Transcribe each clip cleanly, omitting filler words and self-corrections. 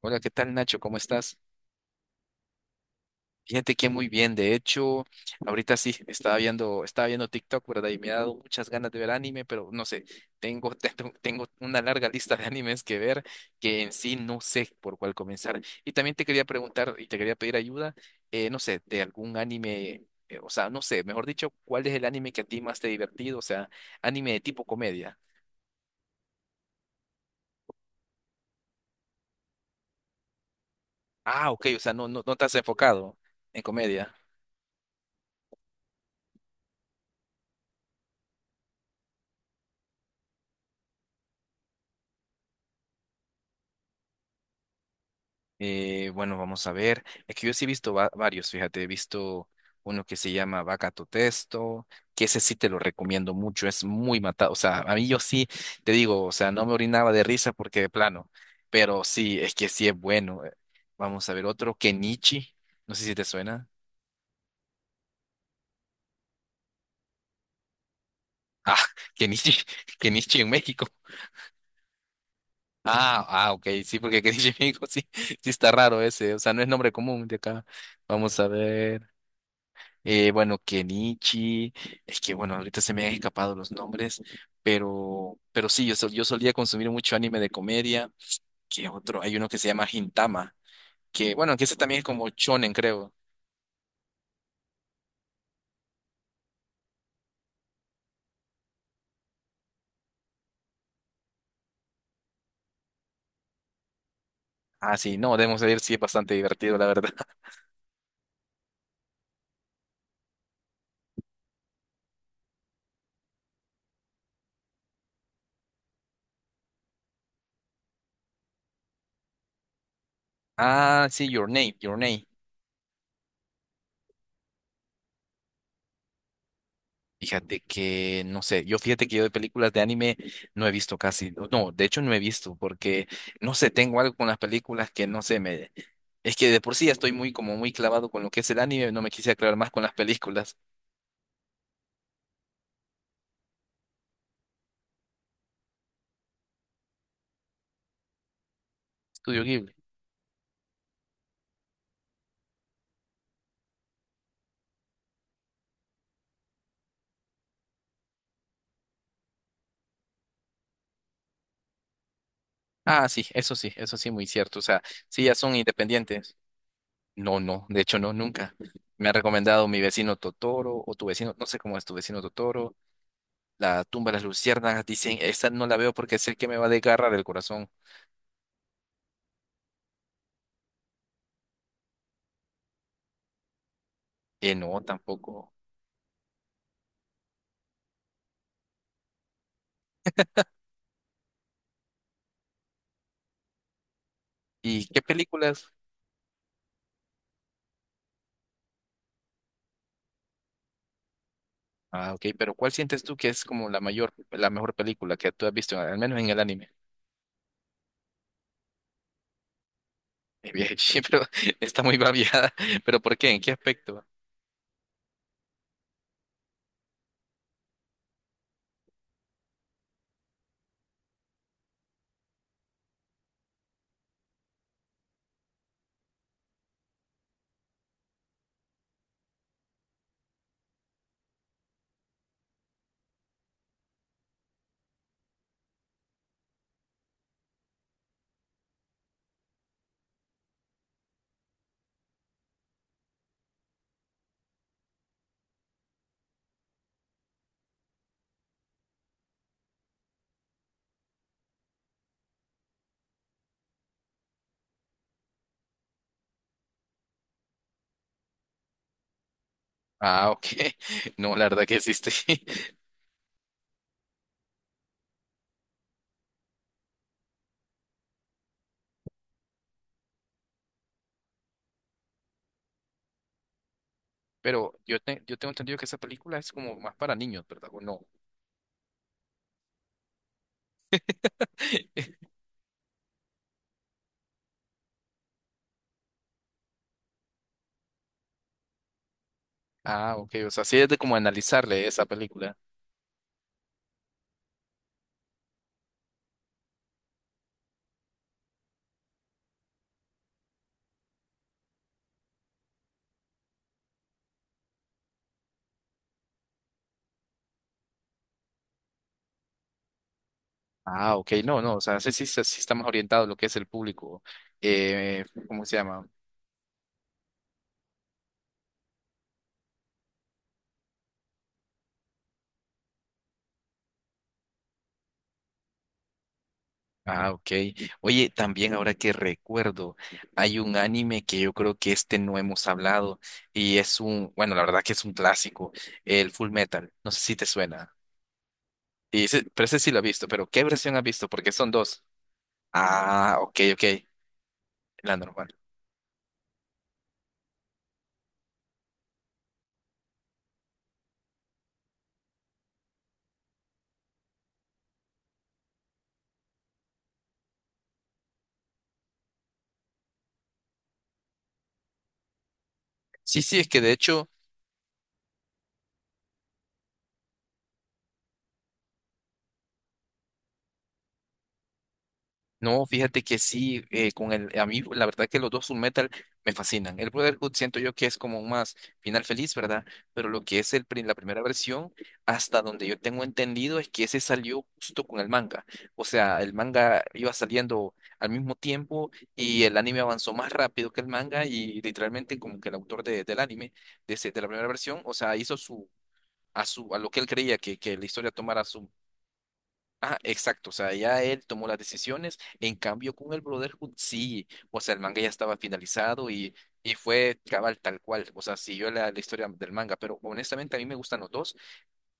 Hola, ¿qué tal Nacho? ¿Cómo estás? Fíjate que muy bien, de hecho, ahorita sí, estaba viendo TikTok, ¿verdad? Y me ha dado muchas ganas de ver anime, pero no sé, tengo, tengo, tengo una larga lista de animes que ver que en sí no sé por cuál comenzar. Y también te quería preguntar y te quería pedir ayuda, no sé, de algún anime, o sea, no sé, mejor dicho, ¿cuál es el anime que a ti más te ha divertido? O sea, anime de tipo comedia. Ah, ok, o sea, no te has enfocado en comedia. Bueno, vamos a ver. Es que yo sí he visto varios, fíjate, he visto uno que se llama Vaca tu Testo, que ese sí te lo recomiendo mucho, es muy matado. O sea, a mí yo sí te digo, o sea, no me orinaba de risa porque de plano, pero sí, es que sí es bueno. Vamos a ver otro, Kenichi, no sé si te suena. Ah, Kenichi, Kenichi en México. Ah, ok, sí, porque Kenichi en México sí, sí está raro ese, o sea, no es nombre común de acá. Vamos a ver. Bueno, Kenichi, es que bueno, ahorita se me han escapado los nombres, pero sí, yo solía consumir mucho anime de comedia, que otro, hay uno que se llama Gintama, que bueno, que ese también es como shonen, creo. Ah, sí, no, debemos decir, sí, es bastante divertido, la verdad. Ah, sí, Your Name. Fíjate que, no sé, yo fíjate que yo de películas de anime no he visto casi, no, de hecho no he visto porque, no sé, tengo algo con las películas que no sé, me, es que de por sí ya estoy muy como muy clavado con lo que es el anime, no me quise aclarar más con las películas. Estudio Ghibli. Ah, sí, eso sí, muy cierto, o sea, sí, ya son independientes. No, no, de hecho no, nunca. Me ha recomendado mi vecino Totoro o tu vecino, no sé cómo es tu vecino Totoro, La tumba de las luciérnagas, dicen, esa no la veo porque sé que me va a desgarrar el corazón. No, tampoco. ¿Y qué películas? Ah, ok, pero ¿cuál sientes tú que es como la mejor película que tú has visto, al menos en el anime? Bien, sí, pero está muy babiada, pero ¿por qué? ¿En qué aspecto? Ah, ok. No, la verdad que existe. Pero yo, yo tengo entendido que esa película es como más para niños, ¿verdad? ¿O no? Ah, ok, o sea, sí es de como analizarle esa película. Ah, ok, no, no, o sea, sí sí está más orientado a lo que es el público, ¿cómo se llama? Ah, ok. Oye, también ahora que recuerdo, hay un anime que yo creo que este no hemos hablado y es un, bueno, la verdad que es un clásico, el Full Metal. No sé si te suena. Pero ese sí lo he visto, pero ¿qué versión has visto? Porque son dos. Ok, la normal. Sí, sí, es que de hecho... No, fíjate que sí, con el, a mí la verdad que los dos Full Metal me fascinan. El Brotherhood siento yo que es como un más final feliz, ¿verdad? Pero lo que es el, la primera versión, hasta donde yo tengo entendido, es que ese salió justo con el manga. O sea, el manga iba saliendo al mismo tiempo y el anime avanzó más rápido que el manga y literalmente como que el autor del anime, de la primera versión, o sea, su, a lo que él creía que la historia tomara. Ah, exacto, o sea, ya él tomó las decisiones, en cambio con el Brotherhood sí, o sea, el manga ya estaba finalizado y fue cabal tal cual, o sea, siguió la, la historia del manga, pero honestamente a mí me gustan los dos,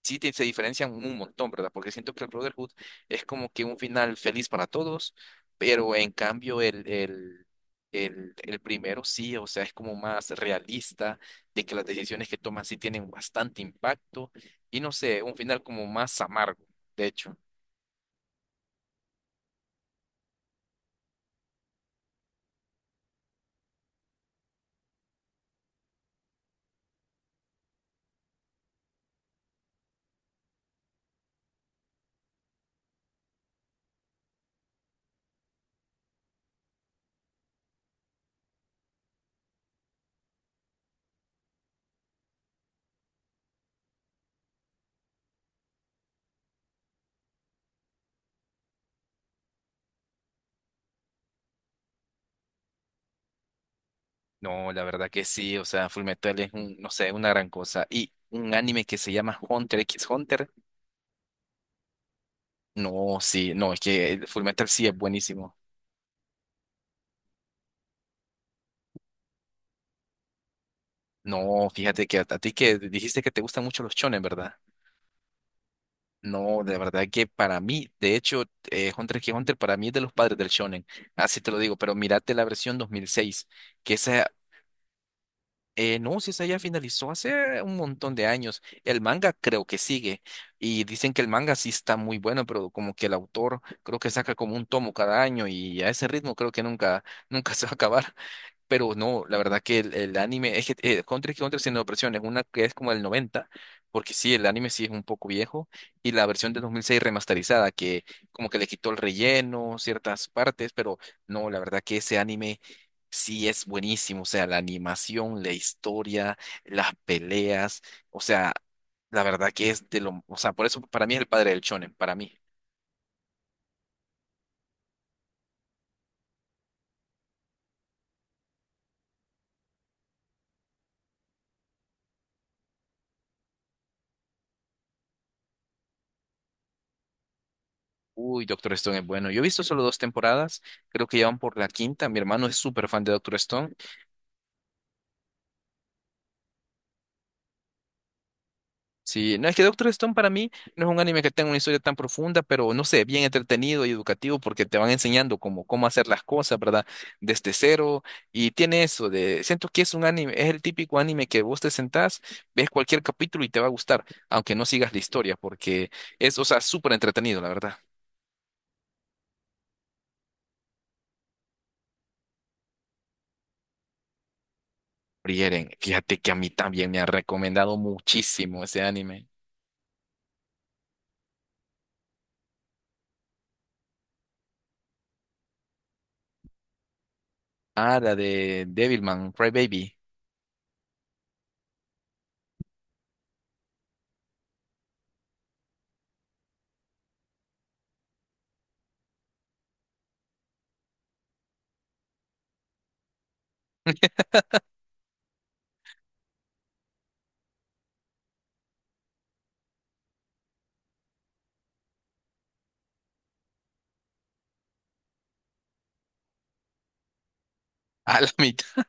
se diferencian un montón, ¿verdad? Porque siento que el Brotherhood es como que un final feliz para todos, pero en cambio el primero sí, o sea, es como más realista, de que las decisiones que toman sí tienen bastante impacto y no sé, un final como más amargo, de hecho. No, la verdad que sí, o sea, Fullmetal es un, no sé, una gran cosa. Y un anime que se llama Hunter x Hunter, no, sí, no, es que el Fullmetal sí es buenísimo. No, fíjate que a ti que dijiste que te gustan mucho los shonen, ¿verdad? No, de verdad que para mí, de hecho, Hunter x Hunter para mí es de los padres del shonen, así te lo digo, pero mírate la versión 2006, que esa. No, si esa ya finalizó hace un montón de años. El manga creo que sigue. Y dicen que el manga sí está muy bueno, pero como que el autor creo que saca como un tomo cada año y a ese ritmo creo que nunca, nunca se va a acabar. Pero no, la verdad que el anime, es que Hunter x Hunter tiene dos versiones, una que es como del 90, porque sí, el anime sí es un poco viejo, y la versión de 2006 remasterizada, que como que le quitó el relleno, ciertas partes, pero no, la verdad que ese anime sí, es buenísimo, o sea, la animación, la historia, las peleas, o sea, la verdad que es de lo, o sea, por eso para mí es el padre del shonen, para mí. Uy, Doctor Stone es bueno. Yo he visto solo dos temporadas, creo que ya van por la quinta. Mi hermano es súper fan de Doctor Stone. Sí, no es que Doctor Stone para mí no es un anime que tenga una historia tan profunda, pero no sé, bien entretenido y educativo porque te van enseñando cómo hacer las cosas, ¿verdad? Desde cero. Y tiene eso de, siento que es un anime, es el típico anime que vos te sentás, ves cualquier capítulo y te va a gustar, aunque no sigas la historia, porque es, o sea, súper entretenido, la verdad. Frieren, fíjate que a mí también me ha recomendado muchísimo ese anime. Ah, la de Devilman, Baby. A la mitad.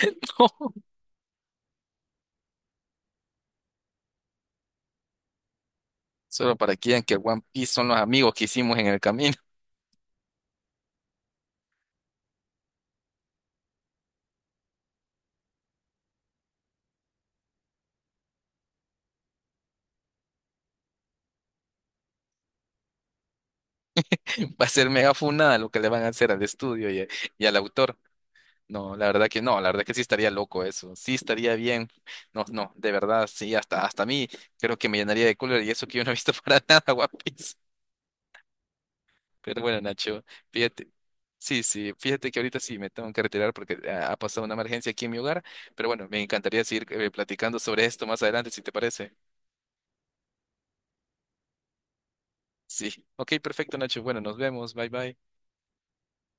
Solo para que vean que One Piece son los amigos que hicimos en el camino. Va a ser mega funada lo que le van a hacer al estudio y al autor. No, la verdad que no, la verdad que sí estaría loco eso. Sí estaría bien. No, no, de verdad, sí, hasta a mí creo que me llenaría de cólera y eso que yo no he visto para nada One Piece. Pero bueno, Nacho, fíjate. Sí, sí, fíjate que ahorita sí me tengo que retirar porque ah, ha pasado una emergencia aquí en mi hogar. Pero bueno, me encantaría seguir platicando sobre esto más adelante, si te parece. Sí, ok, perfecto, Nacho. Bueno, nos vemos. Bye, bye.